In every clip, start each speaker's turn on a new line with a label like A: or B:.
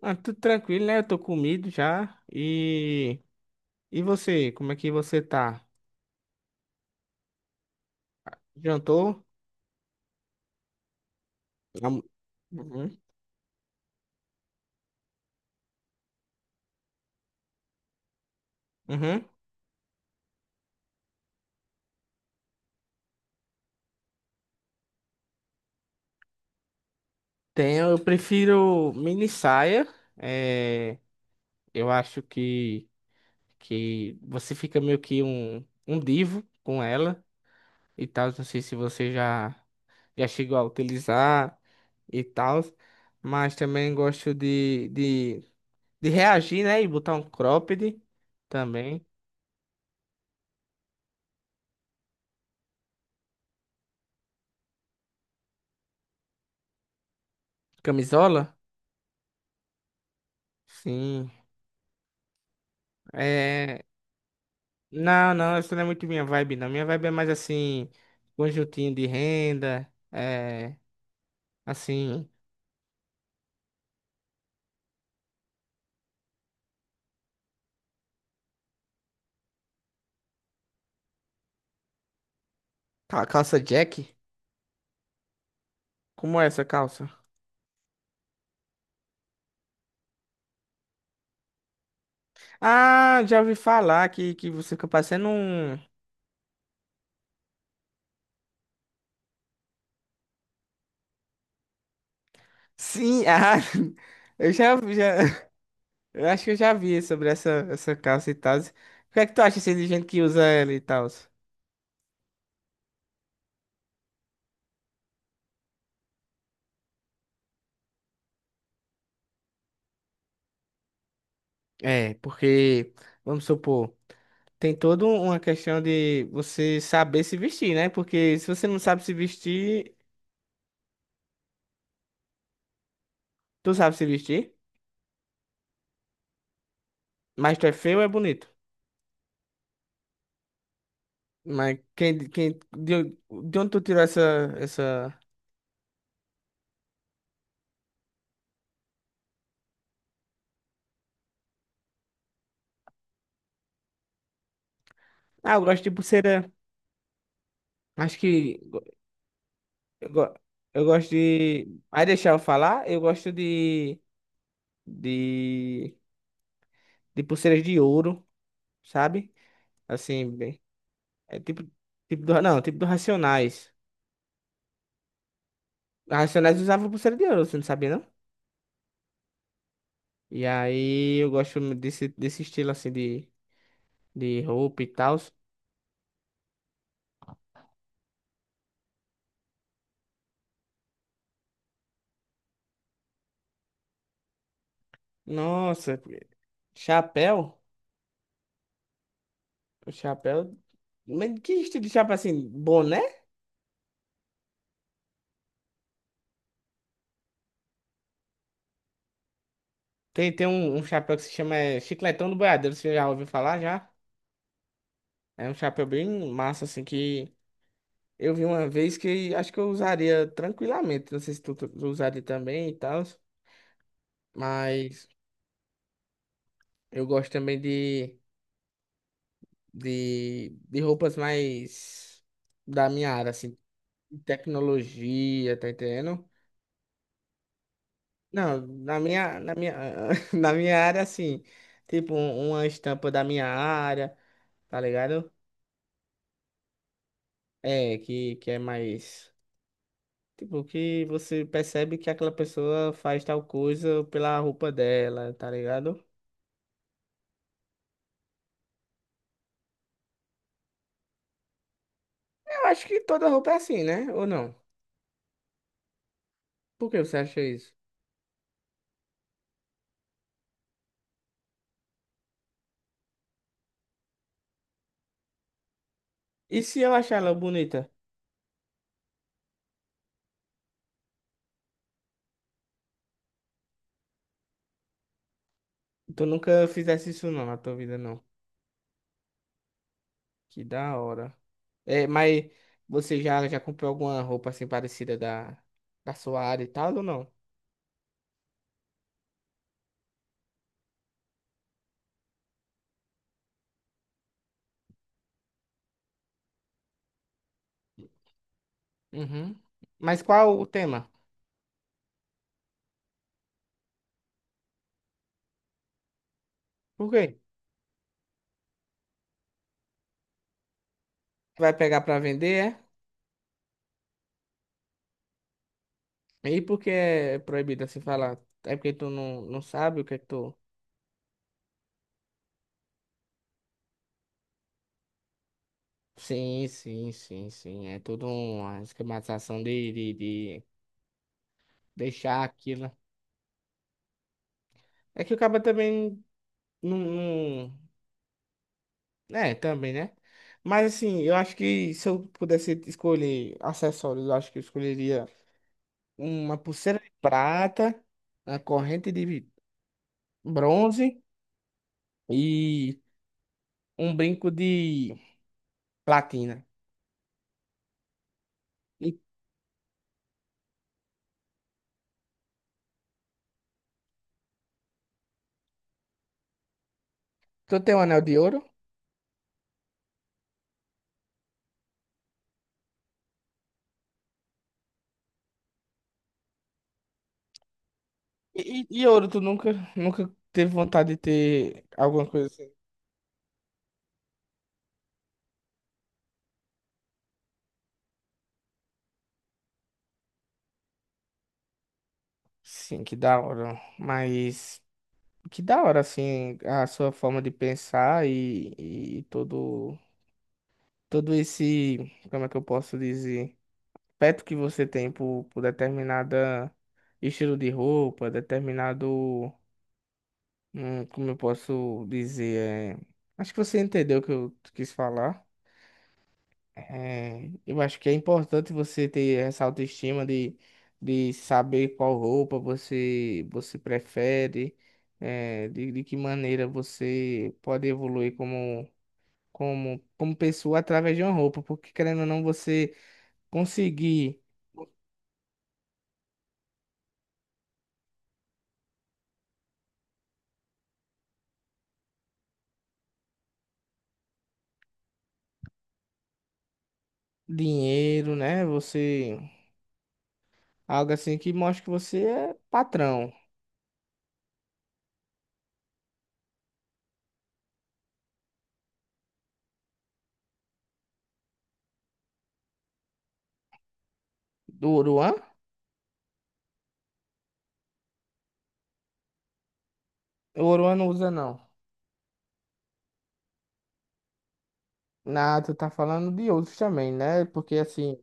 A: Ah, tudo tranquilo, né? Eu tô comido já. E você, como é que você tá? Jantou? Am- Uhum. Uhum. Tenho, eu prefiro mini saia. É, eu acho que você fica meio que um divo com ela e tal. Não sei se você já chegou a utilizar e tal, mas também gosto de reagir, né? E botar um cropped também. Camisola? Sim. É... Não, não, isso não é muito minha vibe, não. Minha vibe é mais assim, conjuntinho de renda, é... assim, calça Jack. Como é essa calça? Ah, já ouvi falar que você fica parecendo um... Sim, ah, eu... Eu acho que eu já vi sobre essa, essa calça e tal. O que é que tu acha assim, de gente que usa ela e tal? É, porque, vamos supor, tem toda uma questão de você saber se vestir, né? Porque se você não sabe se vestir, tu sabe se vestir, mas tu é feio ou é bonito? Mas quem, de onde tu tirou essa, essa... Ah, eu gosto de pulseira. Acho que... go- Eu, go- eu gosto de... Aí deixar eu falar, eu gosto de... De pulseiras de ouro, sabe? Assim, bem... É tipo... tipo do, não, tipo do Racionais. Racionais usava pulseira de ouro, você não sabia, não? E aí eu gosto desse, desse estilo, assim, de roupa e tal. Nossa, chapéu... O chapéu. Mas que estilo de chapéu assim? Boné? Tem, tem um, um chapéu que se chama é, Chicletão do Boiadeiro, você já ouviu falar já? É um chapéu bem massa, assim, que eu vi uma vez que acho que eu usaria tranquilamente. Não sei se tu usaria também e tal. Mas eu gosto também de roupas mais da minha área, assim, de tecnologia, tá entendendo? Não, na minha, na minha área, assim, tipo, uma estampa da minha área. Tá ligado? É, que é mais. Tipo, que você percebe que aquela pessoa faz tal coisa pela roupa dela, tá ligado? Eu acho que toda roupa é assim, né? Ou não? Por que você acha isso? E se eu achar ela bonita? Tu nunca fizesse isso não na tua vida, não. Que da hora. É, mas você já comprou alguma roupa assim parecida da, da sua área e tal, ou não? Uhum. Mas qual o tema? Por quê? Vai pegar pra vender, é? E por que é proibido assim falar? É porque tu não sabe o que é que tu. Sim. É tudo uma esquematização de deixar aquilo. É que o cara também não. É, também, né? Mas assim, eu acho que se eu pudesse escolher acessórios, eu acho que eu escolheria uma pulseira de prata, uma corrente de bronze e um brinco de platina. E tu tem um anel de ouro? E ouro, tu nunca, nunca teve vontade de ter alguma coisa assim? Sim, que da hora. Mas que da hora, assim, a sua forma de pensar e todo esse, como é que eu posso dizer, peto que você tem por determinada estilo de roupa, determinado, como eu posso dizer, é... acho que você entendeu o que eu quis falar. É, eu acho que é importante você ter essa autoestima de saber qual roupa você prefere, é, de que maneira você pode evoluir como, como, como pessoa através de uma roupa, porque querendo ou não, você conseguir dinheiro, né? Você, algo assim que mostra que você é patrão. Do Oruan? O Oruan não usa, não. Na, tu tá falando de outros também, né? Porque assim.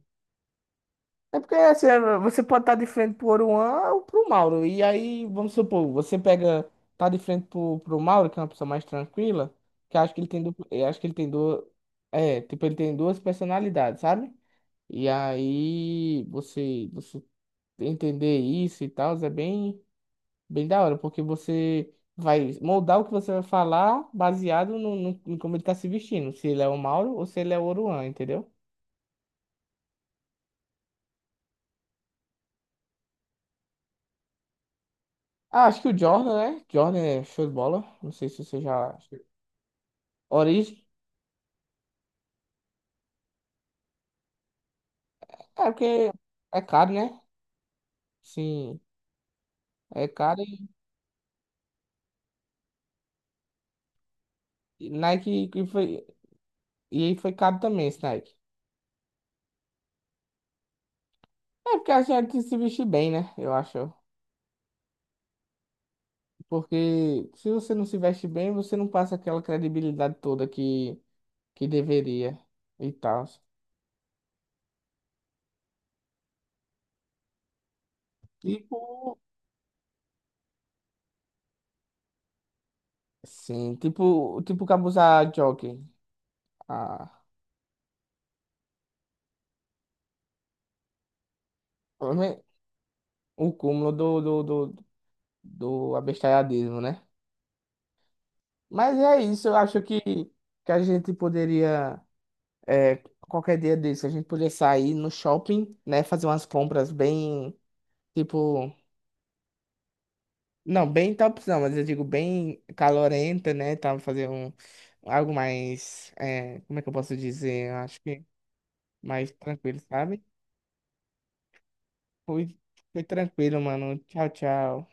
A: É porque assim, é, você pode estar de frente pro Oruan ou pro Mauro. E aí, vamos supor, tá de frente pro, pro Mauro, que é uma pessoa mais tranquila, que acho que ele tem, duplo- eu acho que ele tem duas, é, tipo, ele tem duas personalidades, sabe? E aí, você entender isso e tal, é bem, bem da hora, porque você vai moldar o que você vai falar baseado no, em como ele tá se vestindo, se ele é o Mauro ou se ele é o Oruan, entendeu? Ah, acho que o Jordan, né? Jordan é show de bola. Não sei se você já. Origem. É porque é caro, né? Sim, é caro e Nike que foi. E aí foi caro também esse Nike. É porque a gente tem que se vestir bem, né? Eu acho. Porque se você não se veste bem, você não passa aquela credibilidade toda que deveria e tal. Tipo. Sim, tipo, tipo cabuzar jockey. Ah, o cúmulo do, do, do, do abestalhadismo, né? Mas é isso, eu acho que a gente poderia, é, qualquer dia desse, a gente poderia sair no shopping, né? Fazer umas compras bem, tipo, não, bem top, não, mas eu digo bem calorenta, né? Tá, fazer um, algo mais, é, como é que eu posso dizer? Eu acho que mais tranquilo, sabe? Foi, foi tranquilo, mano. Tchau, tchau.